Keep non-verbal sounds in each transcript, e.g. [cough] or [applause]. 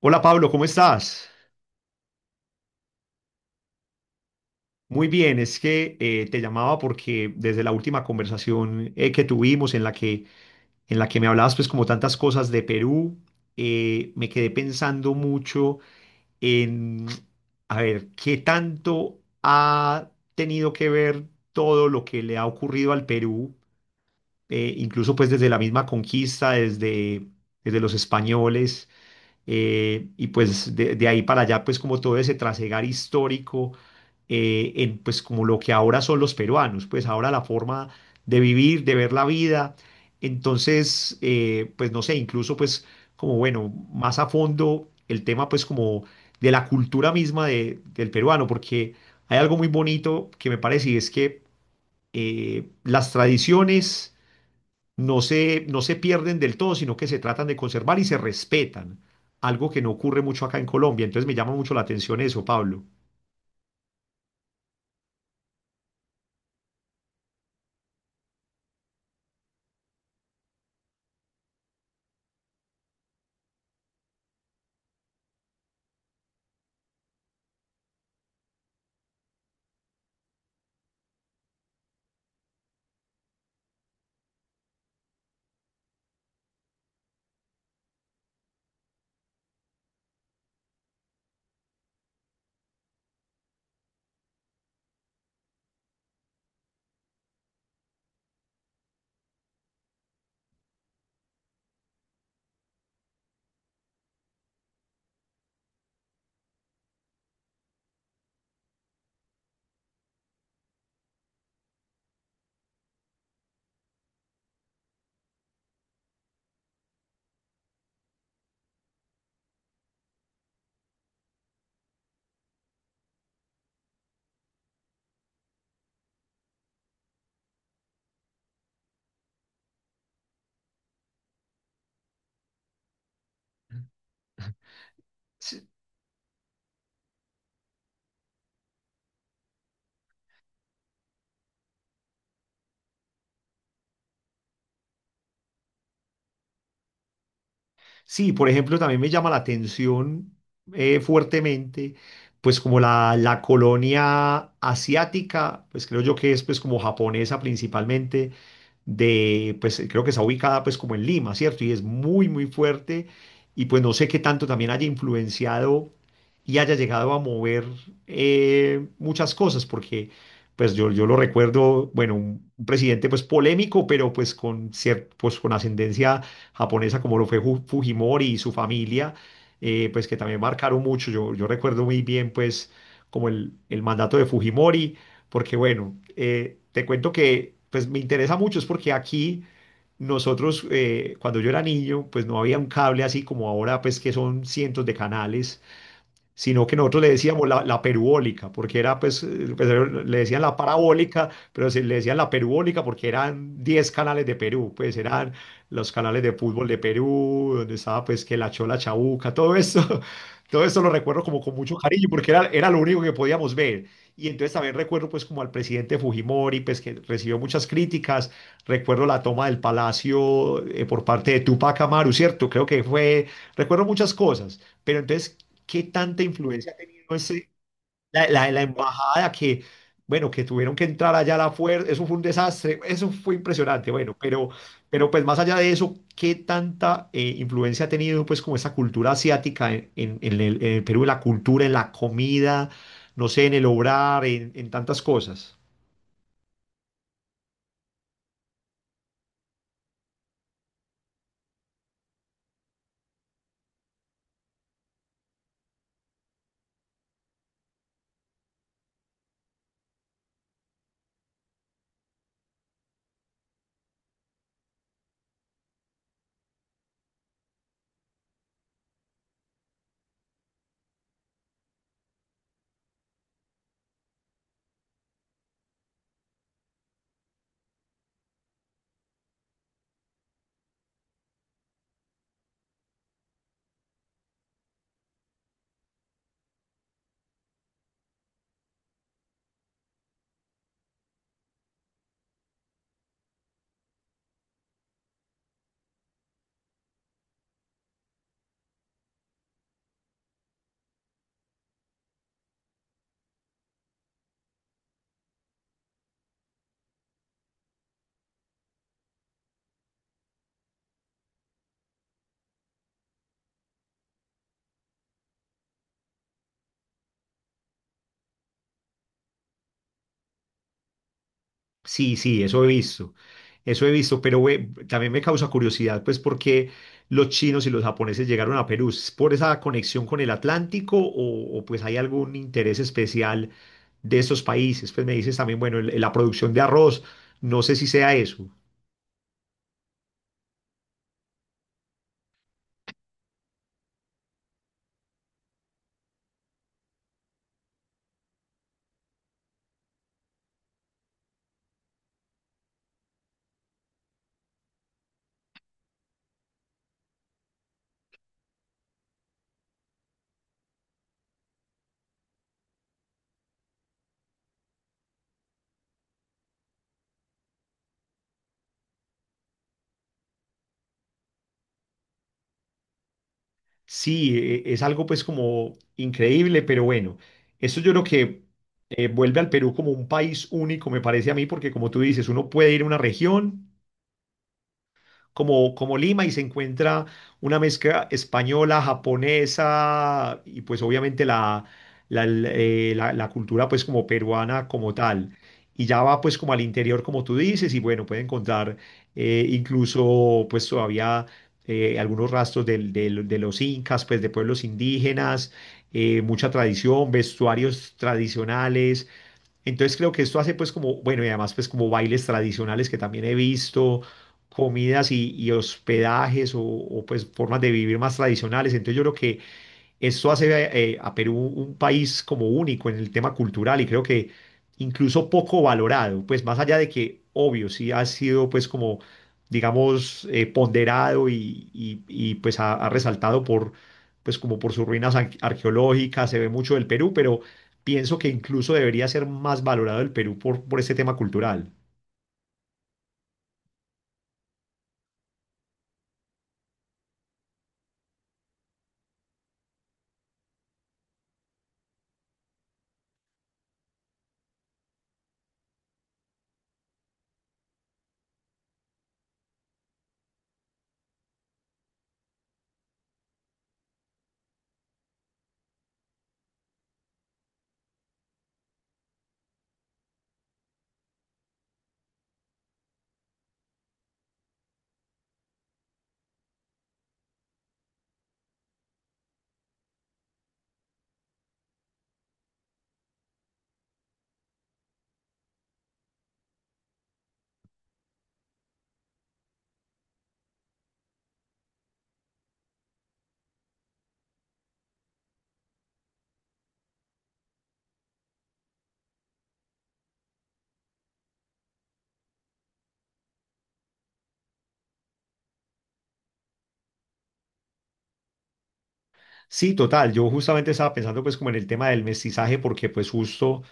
Hola Pablo, ¿cómo estás? Muy bien, es que te llamaba porque desde la última conversación que tuvimos en la que me hablabas pues como tantas cosas de Perú. Me quedé pensando mucho en, a ver, qué tanto ha tenido que ver todo lo que le ha ocurrido al Perú, incluso pues desde la misma conquista, desde los españoles. Y pues de ahí para allá, pues como todo ese trasegar histórico, en pues como lo que ahora son los peruanos, pues ahora la forma de vivir, de ver la vida. Entonces, pues no sé, incluso pues como bueno, más a fondo el tema pues como de la cultura misma del peruano, porque hay algo muy bonito que me parece, y es que las tradiciones no se pierden del todo, sino que se tratan de conservar y se respetan, algo que no ocurre mucho acá en Colombia. Entonces me llama mucho la atención eso, Pablo. Sí. Sí, por ejemplo, también me llama la atención fuertemente, pues como la colonia asiática, pues creo yo que es pues como japonesa principalmente, de, pues creo que está ubicada pues como en Lima, ¿cierto? Y es muy, muy fuerte, y pues no sé qué tanto también haya influenciado y haya llegado a mover muchas cosas, porque pues yo lo recuerdo, bueno, un presidente pues polémico, pero pues con, pues, con ascendencia japonesa como lo fue Fujimori y su familia, pues que también marcaron mucho. Yo recuerdo muy bien pues como el mandato de Fujimori, porque bueno, te cuento que pues me interesa mucho es porque aquí nosotros, cuando yo era niño pues no había un cable así como ahora pues que son cientos de canales, sino que nosotros le decíamos la perubólica, porque era, pues, pues, le decían la parabólica, pero se le decían la perubólica porque eran 10 canales de Perú, pues eran los canales de fútbol de Perú, donde estaba pues que la Chola Chabuca, todo eso, [laughs] todo eso lo recuerdo como con mucho cariño, porque era lo único que podíamos ver. Y entonces también recuerdo pues como al presidente Fujimori, pues que recibió muchas críticas, recuerdo la toma del palacio por parte de Tupac Amaru, ¿cierto? Creo que fue, recuerdo muchas cosas, pero entonces, ¿qué tanta influencia ha tenido ese, la, la embajada que, bueno, que tuvieron que entrar allá a la fuerza? Eso fue un desastre, eso fue impresionante, bueno, pero pues más allá de eso, ¿qué tanta influencia ha tenido pues como esa cultura asiática en, en el Perú, en la cultura, en la comida, no sé, en el obrar, en tantas cosas? Sí, sí, eso he visto, pero güey, también me causa curiosidad, pues, por qué los chinos y los japoneses llegaron a Perú. ¿Es por esa conexión con el Atlántico o, pues hay algún interés especial de estos países? Pues me dices también, bueno, la producción de arroz, no sé si sea eso. Sí, es algo pues como increíble, pero bueno, esto yo creo que vuelve al Perú como un país único, me parece a mí, porque como tú dices, uno puede ir a una región. Como, como Lima, y se encuentra una mezcla española, japonesa y pues obviamente la, la, la cultura pues como peruana como tal. Y ya va pues como al interior como tú dices, y bueno, puede encontrar incluso pues todavía algunos rastros de los incas, pues de pueblos indígenas, mucha tradición, vestuarios tradicionales, entonces creo que esto hace pues como, bueno, y además pues como bailes tradicionales que también he visto, comidas y hospedajes o, pues formas de vivir más tradicionales. Entonces yo creo que esto hace a Perú un país como único en el tema cultural, y creo que incluso poco valorado, pues más allá de que, obvio, sí ha sido pues como, digamos, ponderado y, y, pues ha, ha resaltado por, pues como por sus ruinas arqueológicas, se ve mucho del Perú, pero pienso que incluso debería ser más valorado el Perú por este tema cultural. Sí, total. Yo justamente estaba pensando pues como en el tema del mestizaje, porque pues justo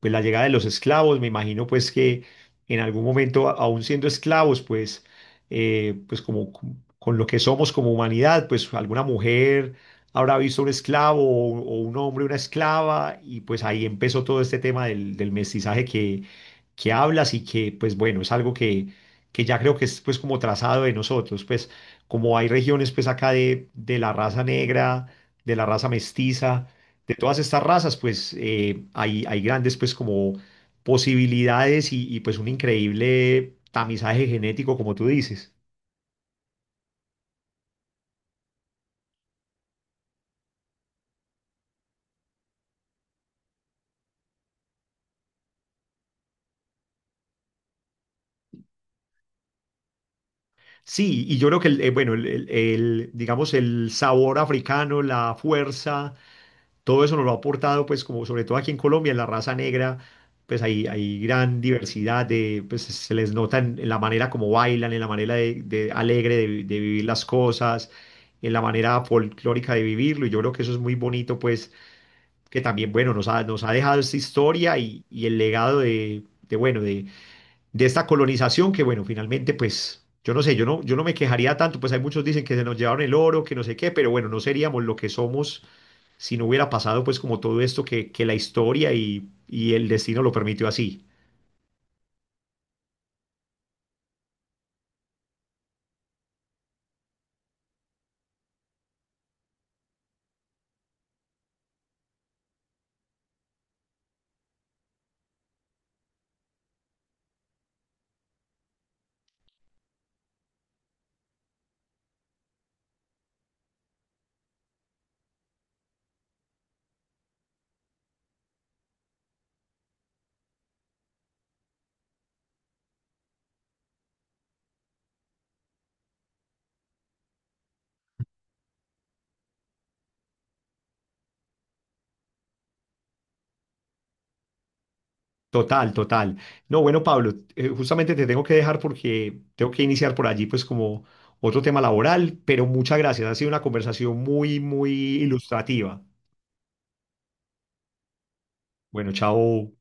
pues la llegada de los esclavos, me imagino pues que en algún momento aún siendo esclavos pues pues como con lo que somos como humanidad, pues alguna mujer habrá visto un esclavo o un hombre una esclava, y pues ahí empezó todo este tema del mestizaje que hablas, y que, pues bueno, es algo que ya creo que es pues como trazado de nosotros, pues como hay regiones pues acá de la raza negra, de la raza mestiza, de todas estas razas, pues hay, hay grandes pues como posibilidades y, pues un increíble tamizaje genético, como tú dices. Sí, y yo creo que, el, bueno, el, el, digamos, el sabor africano, la fuerza, todo eso nos lo ha aportado, pues como sobre todo aquí en Colombia, en la raza negra, pues hay gran diversidad de, pues se les nota en la manera como bailan, en la manera de alegre de, de vivir las cosas, en la manera folclórica de vivirlo, y yo creo que eso es muy bonito, pues que también, bueno, nos ha dejado esta historia y el legado de, bueno, de esta colonización que, bueno, finalmente, pues... Yo no sé, yo no, yo no me quejaría tanto, pues hay muchos dicen que se nos llevaron el oro, que no sé qué, pero bueno, no seríamos lo que somos si no hubiera pasado pues como todo esto que la historia y el destino lo permitió así. Total, total. No, bueno, Pablo, justamente te tengo que dejar porque tengo que iniciar por allí pues como otro tema laboral, pero muchas gracias. Ha sido una conversación muy, muy ilustrativa. Bueno, chao.